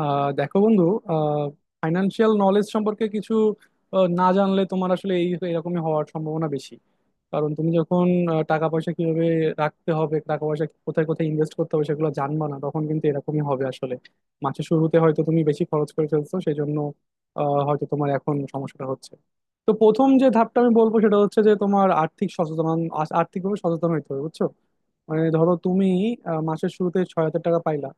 দেখো বন্ধু, financial knowledge সম্পর্কে কিছু না জানলে তোমার আসলে এই এরকমই হওয়ার সম্ভাবনা বেশি। কারণ তুমি যখন টাকা পয়সা কিভাবে রাখতে হবে, টাকা পয়সা কোথায় কোথায় ইনভেস্ট করতে হবে সেগুলো জানবা না, তখন কিন্তু এরকমই হবে আসলে। মাসের শুরুতে হয়তো তুমি বেশি খরচ করে ফেলছো সেই জন্য হয়তো তোমার এখন সমস্যাটা হচ্ছে। তো প্রথম যে ধাপটা আমি বলবো সেটা হচ্ছে যে তোমার আর্থিক সচেতন, আর্থিকভাবে সচেতন হইতে হবে, বুঝছো? মানে ধরো তুমি মাসের শুরুতে 6,000 টাকা পাইলা।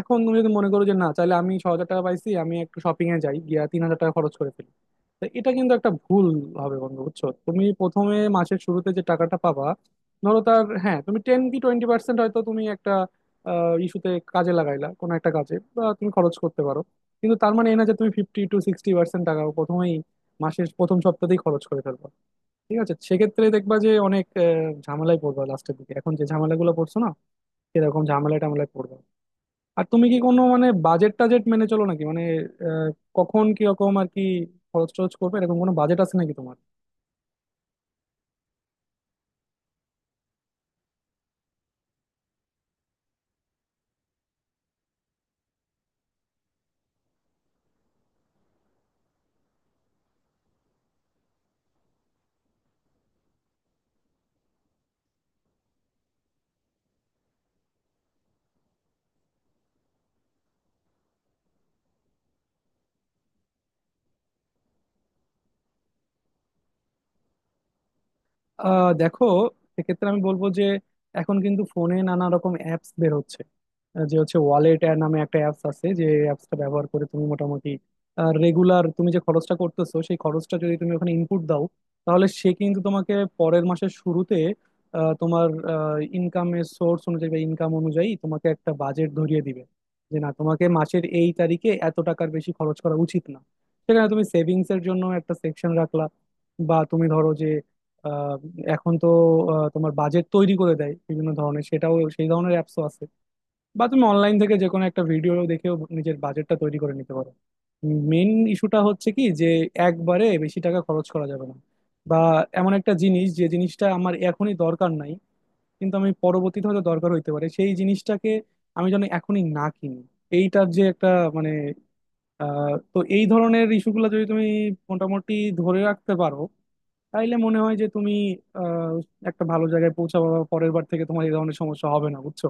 এখন তুমি যদি মনে করো যে না, তাহলে আমি 6,000 টাকা পাইছি, আমি একটু শপিং এ যাই গিয়া 3,000 টাকা খরচ করে ফেলি, তো এটা কিন্তু একটা ভুল হবে বন্ধু, বুঝছো? তুমি প্রথমে মাসের শুরুতে যে টাকাটা পাবা, ধরো তার, হ্যাঁ, তুমি 10 কি 20% হয়তো তুমি একটা ইস্যুতে কাজে লাগাইলা কোনো একটা কাজে, বা তুমি খরচ করতে পারো। কিন্তু তার মানে এই না যে তুমি 50 থেকে 60% টাকা প্রথমেই মাসের প্রথম সপ্তাহতেই খরচ করে ফেলবা। ঠিক আছে, সেক্ষেত্রে দেখবা যে অনেক ঝামেলায় পড়বা লাস্টের দিকে, এখন যে ঝামেলাগুলো পড়ছো না সেরকম ঝামেলা টামেলায় পড়বা। আর তুমি কি কোনো মানে বাজেট টাজেট মেনে চলো নাকি, মানে আহ, কখন কিরকম আর কি খরচ টরচ করবে এরকম কোনো বাজেট আছে নাকি তোমার? দেখো, সেক্ষেত্রে আমি বলবো যে এখন কিন্তু ফোনে নানা রকম অ্যাপস বের হচ্ছে। যে হচ্ছে ওয়ালেট নামে একটা অ্যাপস আছে, যে অ্যাপসটা ব্যবহার করে তুমি মোটামুটি রেগুলার তুমি যে খরচটা করতেছো সেই খরচটা যদি তুমি ওখানে ইনপুট দাও, তাহলে সে কিন্তু তোমাকে পরের মাসের শুরুতে তোমার ইনকামের সোর্স অনুযায়ী বা ইনকাম অনুযায়ী তোমাকে একটা বাজেট ধরিয়ে দিবে যে না, তোমাকে মাসের এই তারিখে এত টাকার বেশি খরচ করা উচিত না। সেখানে তুমি সেভিংস এর জন্য একটা সেকশন রাখলা, বা তুমি ধরো যে আহ, এখন তো তোমার বাজেট তৈরি করে দেয় বিভিন্ন ধরনের, সেটাও সেই ধরনের অ্যাপসও আছে। বা তুমি অনলাইন থেকে যে কোনো একটা ভিডিও দেখেও নিজের বাজেটটা তৈরি করে নিতে পারো। মেন ইস্যুটা হচ্ছে কি যে একবারে বেশি টাকা খরচ করা যাবে না, বা এমন একটা জিনিস যে জিনিসটা আমার এখনই দরকার নাই, কিন্তু আমি পরবর্তীতে হয়তো দরকার হইতে পারে সেই জিনিসটাকে আমি যেন এখনই না কিনি, এইটার যে একটা মানে তো এই ধরনের ইস্যুগুলো যদি তুমি মোটামুটি ধরে রাখতে পারো, তাইলে মনে হয় যে তুমি আহ একটা ভালো জায়গায় পৌঁছাবো, বা পরের বার থেকে তোমার এই ধরনের সমস্যা হবে না, বুঝছো?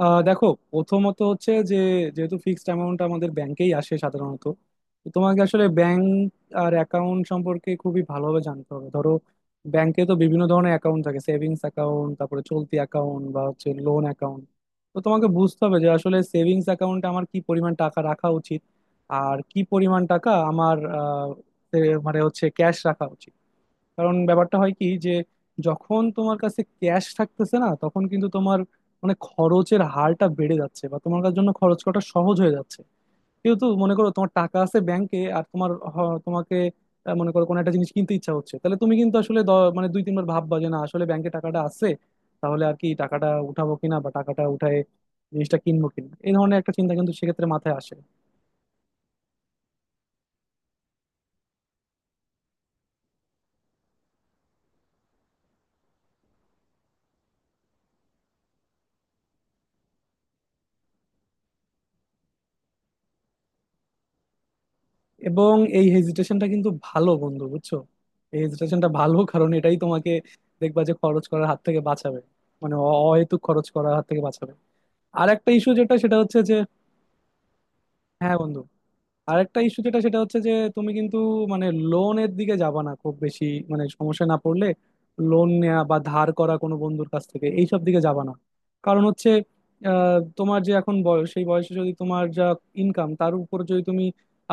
দেখো, প্রথমত হচ্ছে যে যেহেতু ফিক্সড অ্যামাউন্ট আমাদের ব্যাংকেই আসে সাধারণত, তো তোমাকে আসলে ব্যাংক আর অ্যাকাউন্ট সম্পর্কে খুবই ভালোভাবে জানতে হবে। ধরো, ব্যাংকে তো বিভিন্ন ধরনের অ্যাকাউন্ট থাকে, সেভিংস অ্যাকাউন্ট, তারপরে চলতি অ্যাকাউন্ট, বা হচ্ছে লোন অ্যাকাউন্ট। তো তোমাকে বুঝতে হবে যে আসলে সেভিংস অ্যাকাউন্টে আমার কি পরিমাণ টাকা রাখা উচিত, আর কি পরিমাণ টাকা আমার এ- মানে হচ্ছে ক্যাশ রাখা উচিত। কারণ ব্যাপারটা হয় কি যে যখন তোমার কাছে ক্যাশ থাকতেছে না, তখন কিন্তু তোমার মানে খরচের হারটা বেড়ে যাচ্ছে, বা তোমার কাছে জন্য খরচ করাটা সহজ হয়ে যাচ্ছে। যেহেতু মনে করো তোমার টাকা আছে ব্যাংকে, আর তোমার তোমাকে মনে করো কোনো একটা জিনিস কিনতে ইচ্ছা হচ্ছে, তাহলে তুমি কিন্তু আসলে মানে দুই তিনবার ভাববা যে না আসলে ব্যাংকে টাকাটা আছে, তাহলে আর কি টাকাটা উঠাবো কিনা, বা টাকাটা উঠায় জিনিসটা কিনবো কিনা, এই ধরনের একটা চিন্তা কিন্তু সেক্ষেত্রে মাথায় আসে। এবং এই হেজিটেশনটা কিন্তু ভালো বন্ধু, বুঝছো? এই হেজিটেশনটা ভালো, কারণ এটাই তোমাকে দেখবা যে খরচ করার হাত থেকে বাঁচাবে, মানে অহেতুক খরচ করার হাত থেকে বাঁচাবে। আর একটা ইস্যু যেটা সেটা হচ্ছে যে হ্যাঁ বন্ধু, আরেকটা ইস্যু যেটা সেটা হচ্ছে যে তুমি কিন্তু মানে লোনের দিকে যাবা না খুব বেশি, মানে সমস্যা না পড়লে লোন নেওয়া বা ধার করা কোনো বন্ধুর কাছ থেকে এইসব দিকে যাবা না। কারণ হচ্ছে তোমার যে এখন বয়স, সেই বয়সে যদি তোমার যা ইনকাম, তার উপর যদি তুমি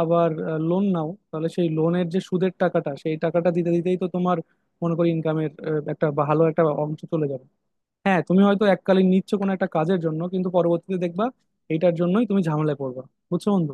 আবার লোন নাও, তাহলে সেই লোনের যে সুদের টাকাটা, সেই টাকাটা দিতে দিতেই তো তোমার মনে করি ইনকামের একটা ভালো একটা অংশ চলে যাবে। হ্যাঁ তুমি হয়তো এককালীন নিচ্ছ কোনো একটা কাজের জন্য, কিন্তু পরবর্তীতে দেখবা এইটার জন্যই তুমি ঝামেলায় পড়বা, বুঝছো বন্ধু?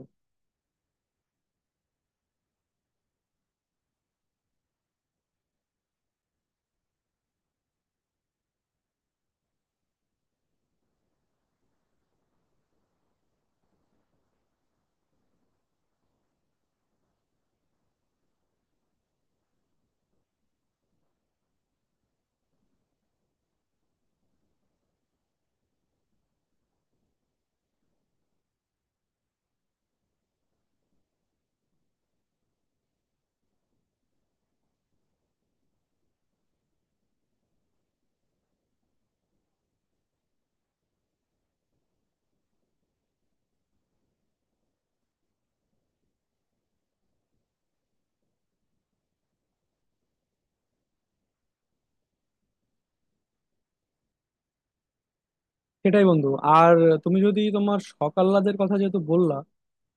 সেটাই বন্ধু। আর তুমি যদি তোমার সকাল্লাদের কথা যেহেতু বললা,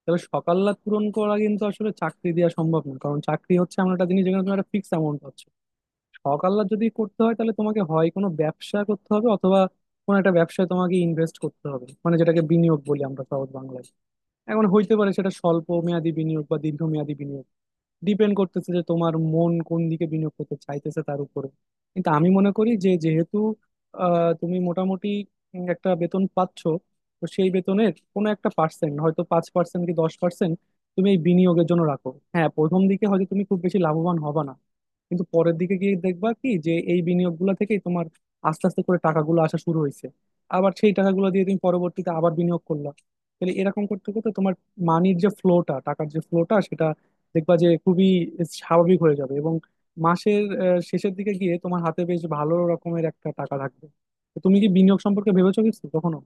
তাহলে সকাল্লাদ পূরণ করা কিন্তু আসলে চাকরি দেওয়া সম্ভব না, কারণ চাকরি হচ্ছে এমন একটা জিনিস যেখানে তোমার একটা ফিক্স অ্যামাউন্ট পাচ্ছ। সকাল্লাদ যদি করতে হয় তাহলে তোমাকে হয় কোনো ব্যবসা করতে হবে অথবা কোনো একটা ব্যবসায় তোমাকে ইনভেস্ট করতে হবে, মানে যেটাকে বিনিয়োগ বলি আমরা সহজ বাংলায়। এখন হইতে পারে সেটা স্বল্প মেয়াদি বিনিয়োগ বা দীর্ঘমেয়াদী বিনিয়োগ। ডিপেন্ড করতেছে যে তোমার মন কোন দিকে বিনিয়োগ করতে চাইতেছে তার উপরে। কিন্তু আমি মনে করি যে যেহেতু তুমি মোটামুটি একটা বেতন পাচ্ছ, তো সেই বেতনের কোনো একটা পার্সেন্ট হয়তো 5% কি 10% তুমি এই বিনিয়োগের জন্য রাখো। হ্যাঁ প্রথম দিকে হয়তো তুমি খুব বেশি লাভবান হবা না, কিন্তু পরের দিকে গিয়ে দেখবা কি যে এই বিনিয়োগগুলো থেকেই তোমার আস্তে আস্তে করে টাকাগুলো আসা শুরু হয়েছে। আবার সেই টাকাগুলো দিয়ে তুমি পরবর্তীতে আবার বিনিয়োগ করলা, তাহলে এরকম করতে করতে তোমার মানির যে ফ্লোটা, টাকার যে ফ্লোটা, সেটা দেখবা যে খুবই স্বাভাবিক হয়ে যাবে, এবং মাসের শেষের দিকে গিয়ে তোমার হাতে বেশ ভালো রকমের একটা টাকা থাকবে। তো তুমি কি বিনিয়োগ সম্পর্কে ভেবেছো কিছু কখনো?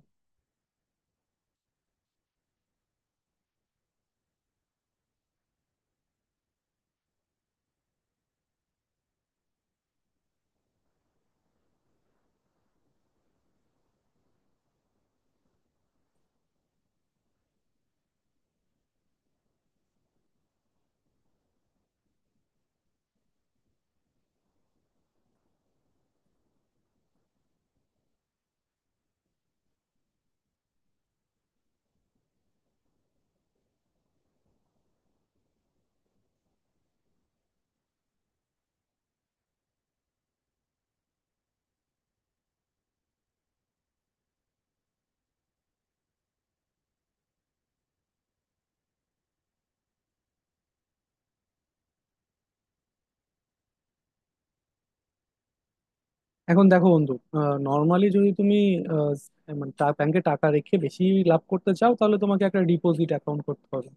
এখন দেখো বন্ধু, নর্মালি যদি তুমি আহ, মানে ব্যাংকে টাকা রেখে বেশি লাভ করতে চাও, তাহলে তোমাকে একটা ডিপোজিট অ্যাকাউন্ট করতে হবে।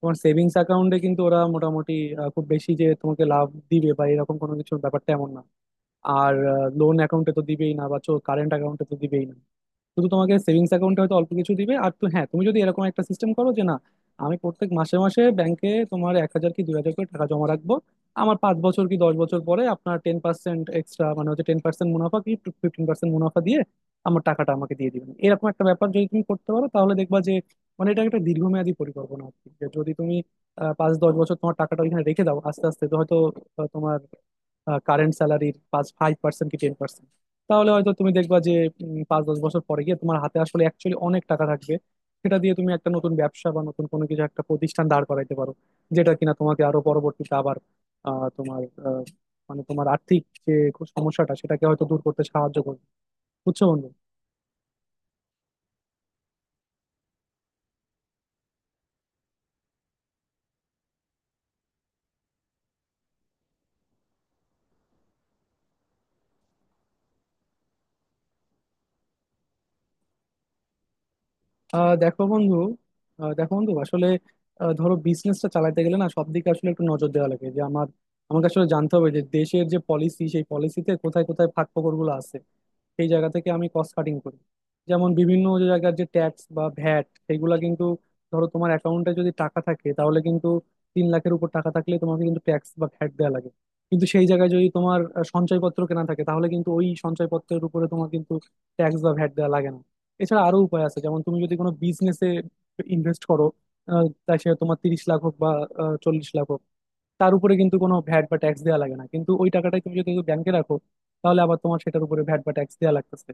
তোমার সেভিংস অ্যাকাউন্টে কিন্তু ওরা মোটামুটি খুব বেশি যে তোমাকে লাভ দিবে বা এরকম কোনো কিছুর ব্যাপারটা এমন না। আর লোন অ্যাকাউন্টে তো দিবেই না, বা কারেন্ট অ্যাকাউন্টে তো দিবেই না, শুধু তোমাকে সেভিংস অ্যাকাউন্টে হয়তো অল্প কিছু দিবে। আর তো হ্যাঁ তুমি যদি এরকম একটা সিস্টেম করো যে না, আমি প্রত্যেক মাসে মাসে ব্যাংকে তোমার 1,000 কি 2,000 করে টাকা জমা রাখবো, আমার 5 বছর কি 10 বছর পরে আপনার 10% এক্সট্রা, মানে হচ্ছে 10% মুনাফা কি 15% মুনাফা দিয়ে আমার টাকাটা আমাকে দিয়ে দিবেন, এরকম একটা ব্যাপার যদি তুমি করতে পারো তাহলে দেখবা যে মানে এটা একটা দীর্ঘমেয়াদী পরিকল্পনা আর কি, যে যদি তুমি 5 10 বছর তোমার টাকাটা ওইখানে রেখে দাও, আস্তে আস্তে তো হয়তো তোমার কারেন্ট স্যালারির 5 5% কি 10%, তাহলে হয়তো তুমি দেখবা যে 5 10 বছর পরে গিয়ে তোমার হাতে আসলে অ্যাকচুয়ালি অনেক টাকা থাকবে। সেটা দিয়ে তুমি একটা নতুন ব্যবসা বা নতুন কোনো কিছু একটা প্রতিষ্ঠান দাঁড় করাইতে পারো, যেটা কিনা তোমাকে আরো পরবর্তীতে আবার আহ, তোমার আহ, মানে তোমার আর্থিক যে সমস্যাটা, সেটাকে হয়তো দূর করতে সাহায্য করবে, বুঝছো বন্ধু? আহ দেখো বন্ধু আহ দেখো বন্ধু আসলে ধরো বিজনেসটা চালাতে গেলে না, সব দিকে আসলে একটু নজর দেওয়া লাগে যে আমার, আমাকে আসলে জানতে হবে যে দেশের যে পলিসি, সেই পলিসিতে কোথায় কোথায় ফাঁক ফোকরগুলো আছে, সেই জায়গা থেকে আমি কস্ট কাটিং করি। যেমন বিভিন্ন যে জায়গার যে ট্যাক্স বা ভ্যাট, সেগুলা কিন্তু ধরো তোমার অ্যাকাউন্টে যদি টাকা থাকে, তাহলে কিন্তু 3 লাখের উপর টাকা থাকলে তোমাকে কিন্তু ট্যাক্স বা ভ্যাট দেওয়া লাগে। কিন্তু সেই জায়গায় যদি তোমার সঞ্চয়পত্র কেনা থাকে, তাহলে কিন্তু ওই সঞ্চয়পত্রের উপরে তোমার কিন্তু ট্যাক্স বা ভ্যাট দেওয়া লাগে না। এছাড়া আরো উপায় আছে, যেমন তুমি যদি কোনো বিজনেসে ইনভেস্ট করো, তাই সে তোমার 30 লাখ হোক বা 40 লাখ হোক, তার উপরে কিন্তু কোনো ভ্যাট বা ট্যাক্স দেওয়া লাগে না। কিন্তু ওই টাকাটাই তুমি যদি ব্যাংকে রাখো, তাহলে আবার তোমার সেটার উপরে ভ্যাট বা ট্যাক্স দেওয়া লাগতেছে।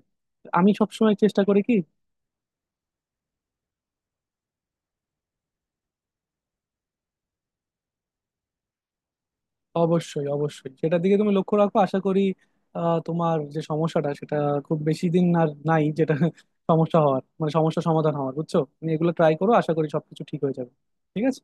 আমি সবসময় চেষ্টা করি কি অবশ্যই অবশ্যই সেটার দিকে তুমি লক্ষ্য রাখো, আশা করি তোমার যে সমস্যাটা, সেটা খুব বেশি দিন আর নাই, যেটা সমস্যা হওয়ার মানে সমস্যা সমাধান হওয়ার, বুঝছো? তুমি এগুলো ট্রাই করো, আশা করি সবকিছু ঠিক হয়ে যাবে। ঠিক আছে।